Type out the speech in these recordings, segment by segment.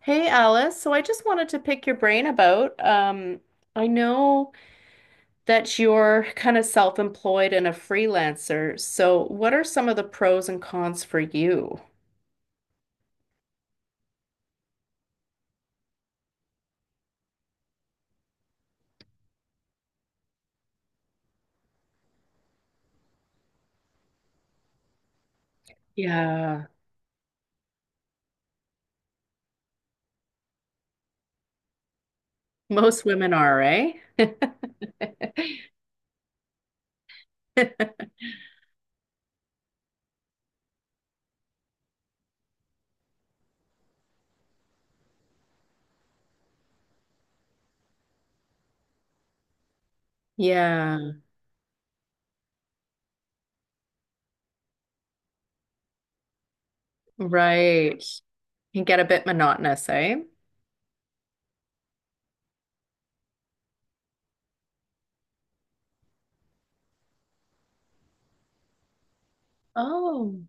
Hey Alice, so I just wanted to pick your brain about, I know that you're kind of self-employed and a freelancer. So what are some of the pros and cons for you? Yeah, most women are, eh? Yeah, right. Can get a bit monotonous, eh? Oh,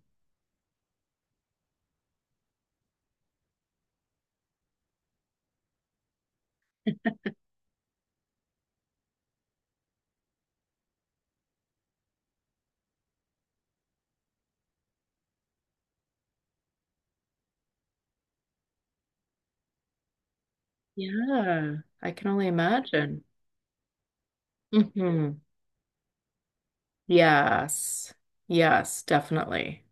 yeah. I can only imagine. Hmm Yes. Yes, definitely.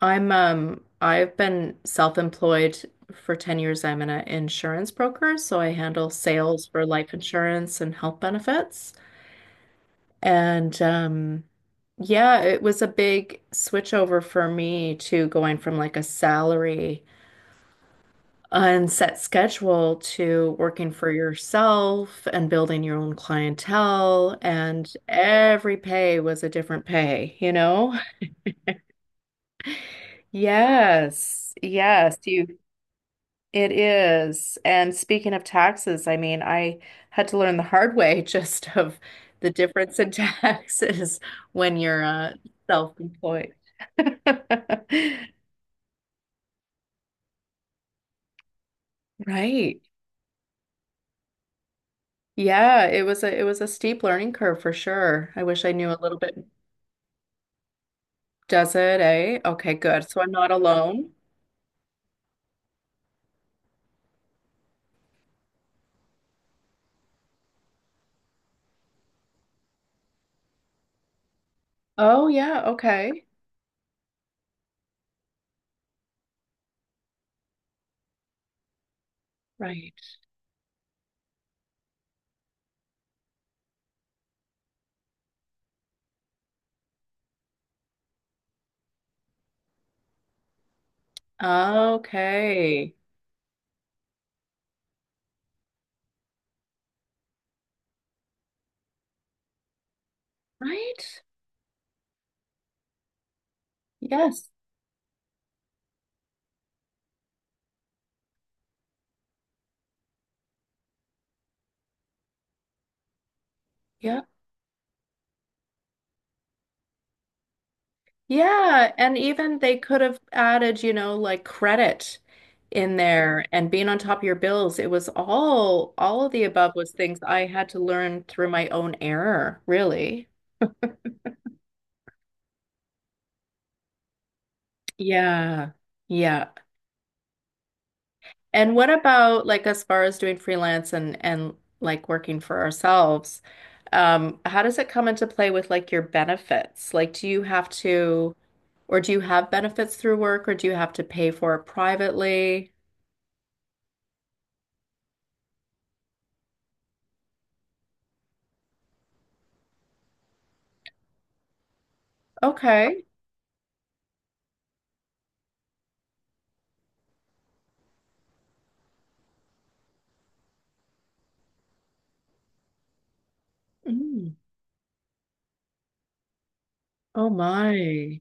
I'm I've been self-employed for 10 years. I'm an insurance broker, so I handle sales for life insurance and health benefits. And yeah, it was a big switch over for me to going from like a salary unset schedule to working for yourself and building your own clientele and every pay was a different pay? Yes. Yes, you. It is. And speaking of taxes, I mean, I had to learn the hard way just of the difference in taxes when you're self-employed. Right. Yeah, it was a steep learning curve for sure. I wish I knew a little bit. Does it, eh? Okay, good. So I'm not alone. Oh yeah, okay. Right. Okay. Right? Yes. Yeah. Yeah, and even they could have added, like credit in there and being on top of your bills. It was all of the above was things I had to learn through my own error, really. Yeah. Yeah. And what about like as far as doing freelance and like working for ourselves? How does it come into play with like your benefits? Like, do you have to or do you have benefits through work or do you have to pay for it privately? Okay. Mhm. Oh my.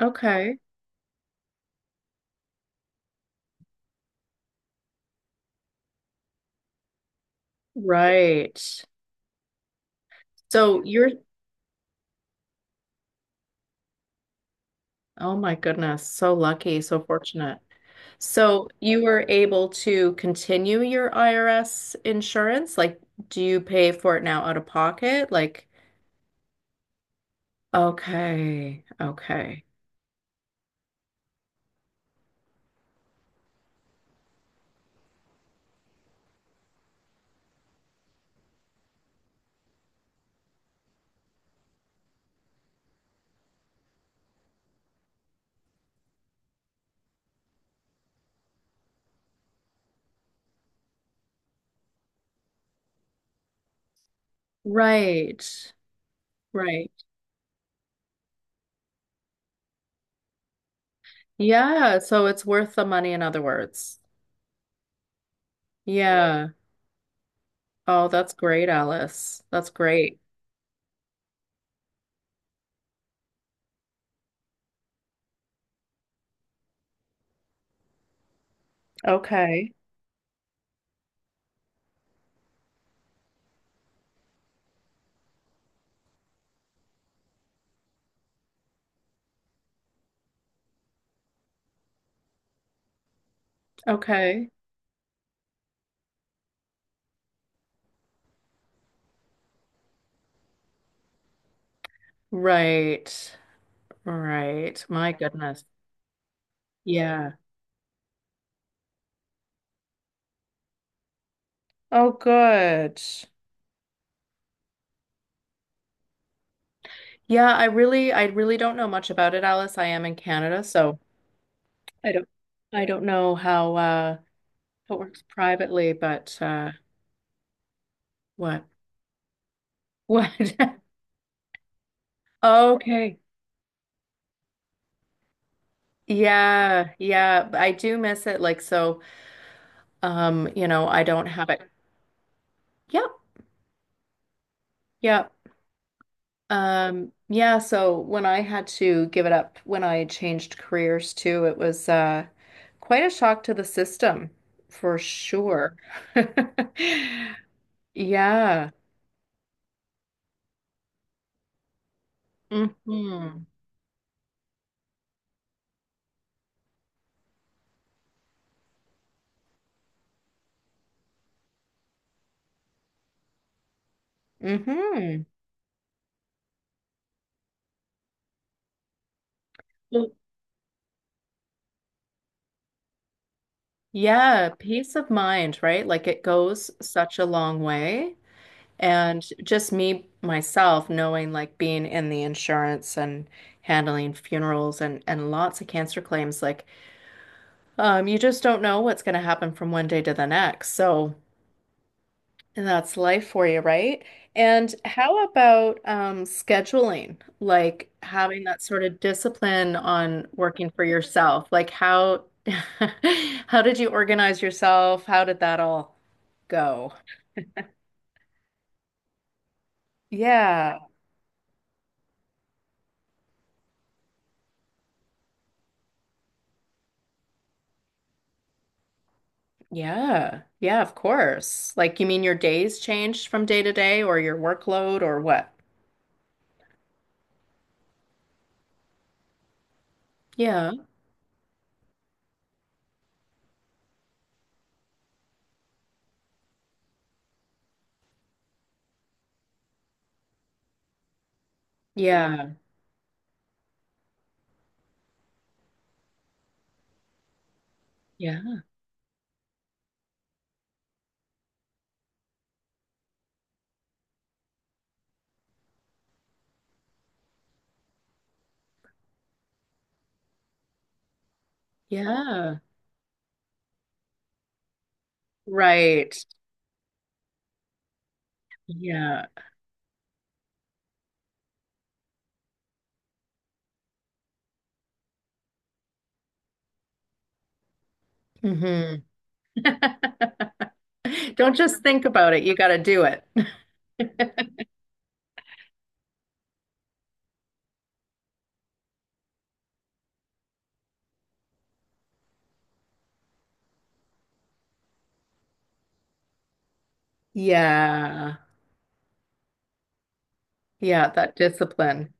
Okay. Right. So oh my goodness, so lucky, so fortunate. So you were able to continue your IRS insurance? Like, do you pay for it now out of pocket? Like, okay, okay. Right, right. Yeah, so it's worth the money, in other words. Yeah. Oh, that's great, Alice. That's great. Okay, okay. Right. Right. My goodness. Yeah. Oh, good. Yeah, I really don't know much about it, Alice. I am in Canada, so I don't I don't know how it works privately, but what? What? Okay. Yeah, yeah, but I do miss it like so you know, I don't have it. Yep. Yep. Yeah, so when I had to give it up when I changed careers too, it was quite a shock to the system, for sure. Yeah. hmm hmm Yeah, peace of mind, right? Like it goes such a long way. And just me, myself, knowing like being in the insurance and handling funerals and lots of cancer claims, like you just don't know what's going to happen from one day to the next. So and that's life for you, right? And how about scheduling? Like having that sort of discipline on working for yourself. Like how how did you organize yourself? How did that all go? Yeah. Yeah. Yeah, of course. Like you mean your days changed from day to day or your workload or what? Yeah. Yeah. Yeah. Yeah. Right. Yeah. hmm Don't just think about it. You got to do it. Yeah. Yeah, that discipline.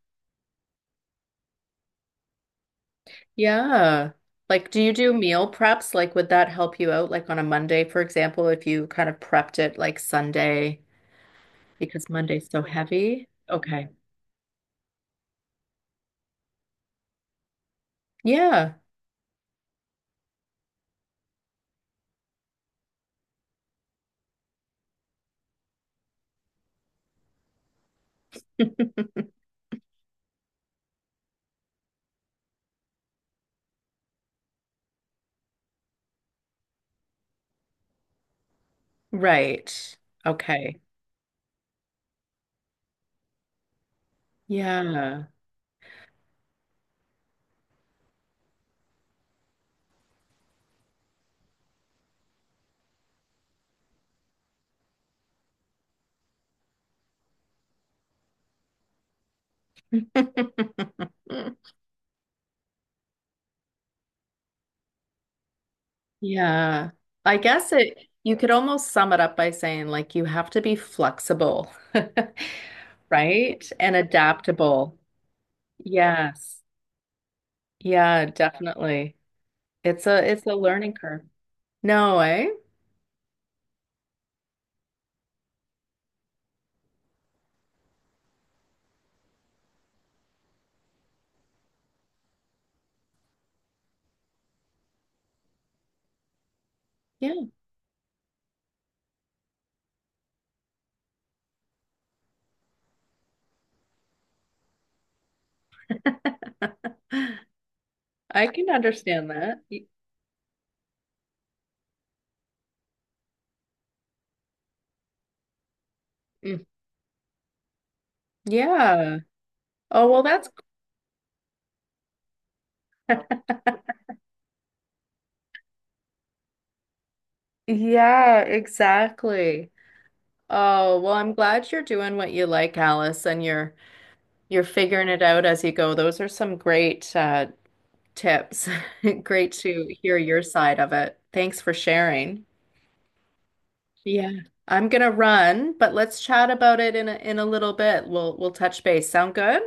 Yeah. Like, do you do meal preps? Like, would that help you out? Like on a Monday, for example, if you kind of prepped it like Sunday, because Monday's so heavy. Okay. Yeah. Right. Okay. Yeah. Yeah. I guess it, you could almost sum it up by saying, like, you have to be flexible, right? And adaptable. Yes. Yeah, definitely. It's a learning curve. No, eh? Yeah. I can understand that. Y- mm, yeah. Oh, well, that's yeah, exactly. Oh, well, I'm glad you're doing what you like, Alice, and you're figuring it out as you go. Those are some great tips. Great to hear your side of it. Thanks for sharing. Yeah. I'm gonna run, but let's chat about it in a little bit. We'll touch base. Sound good?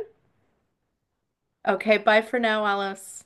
Okay, bye for now, Alice.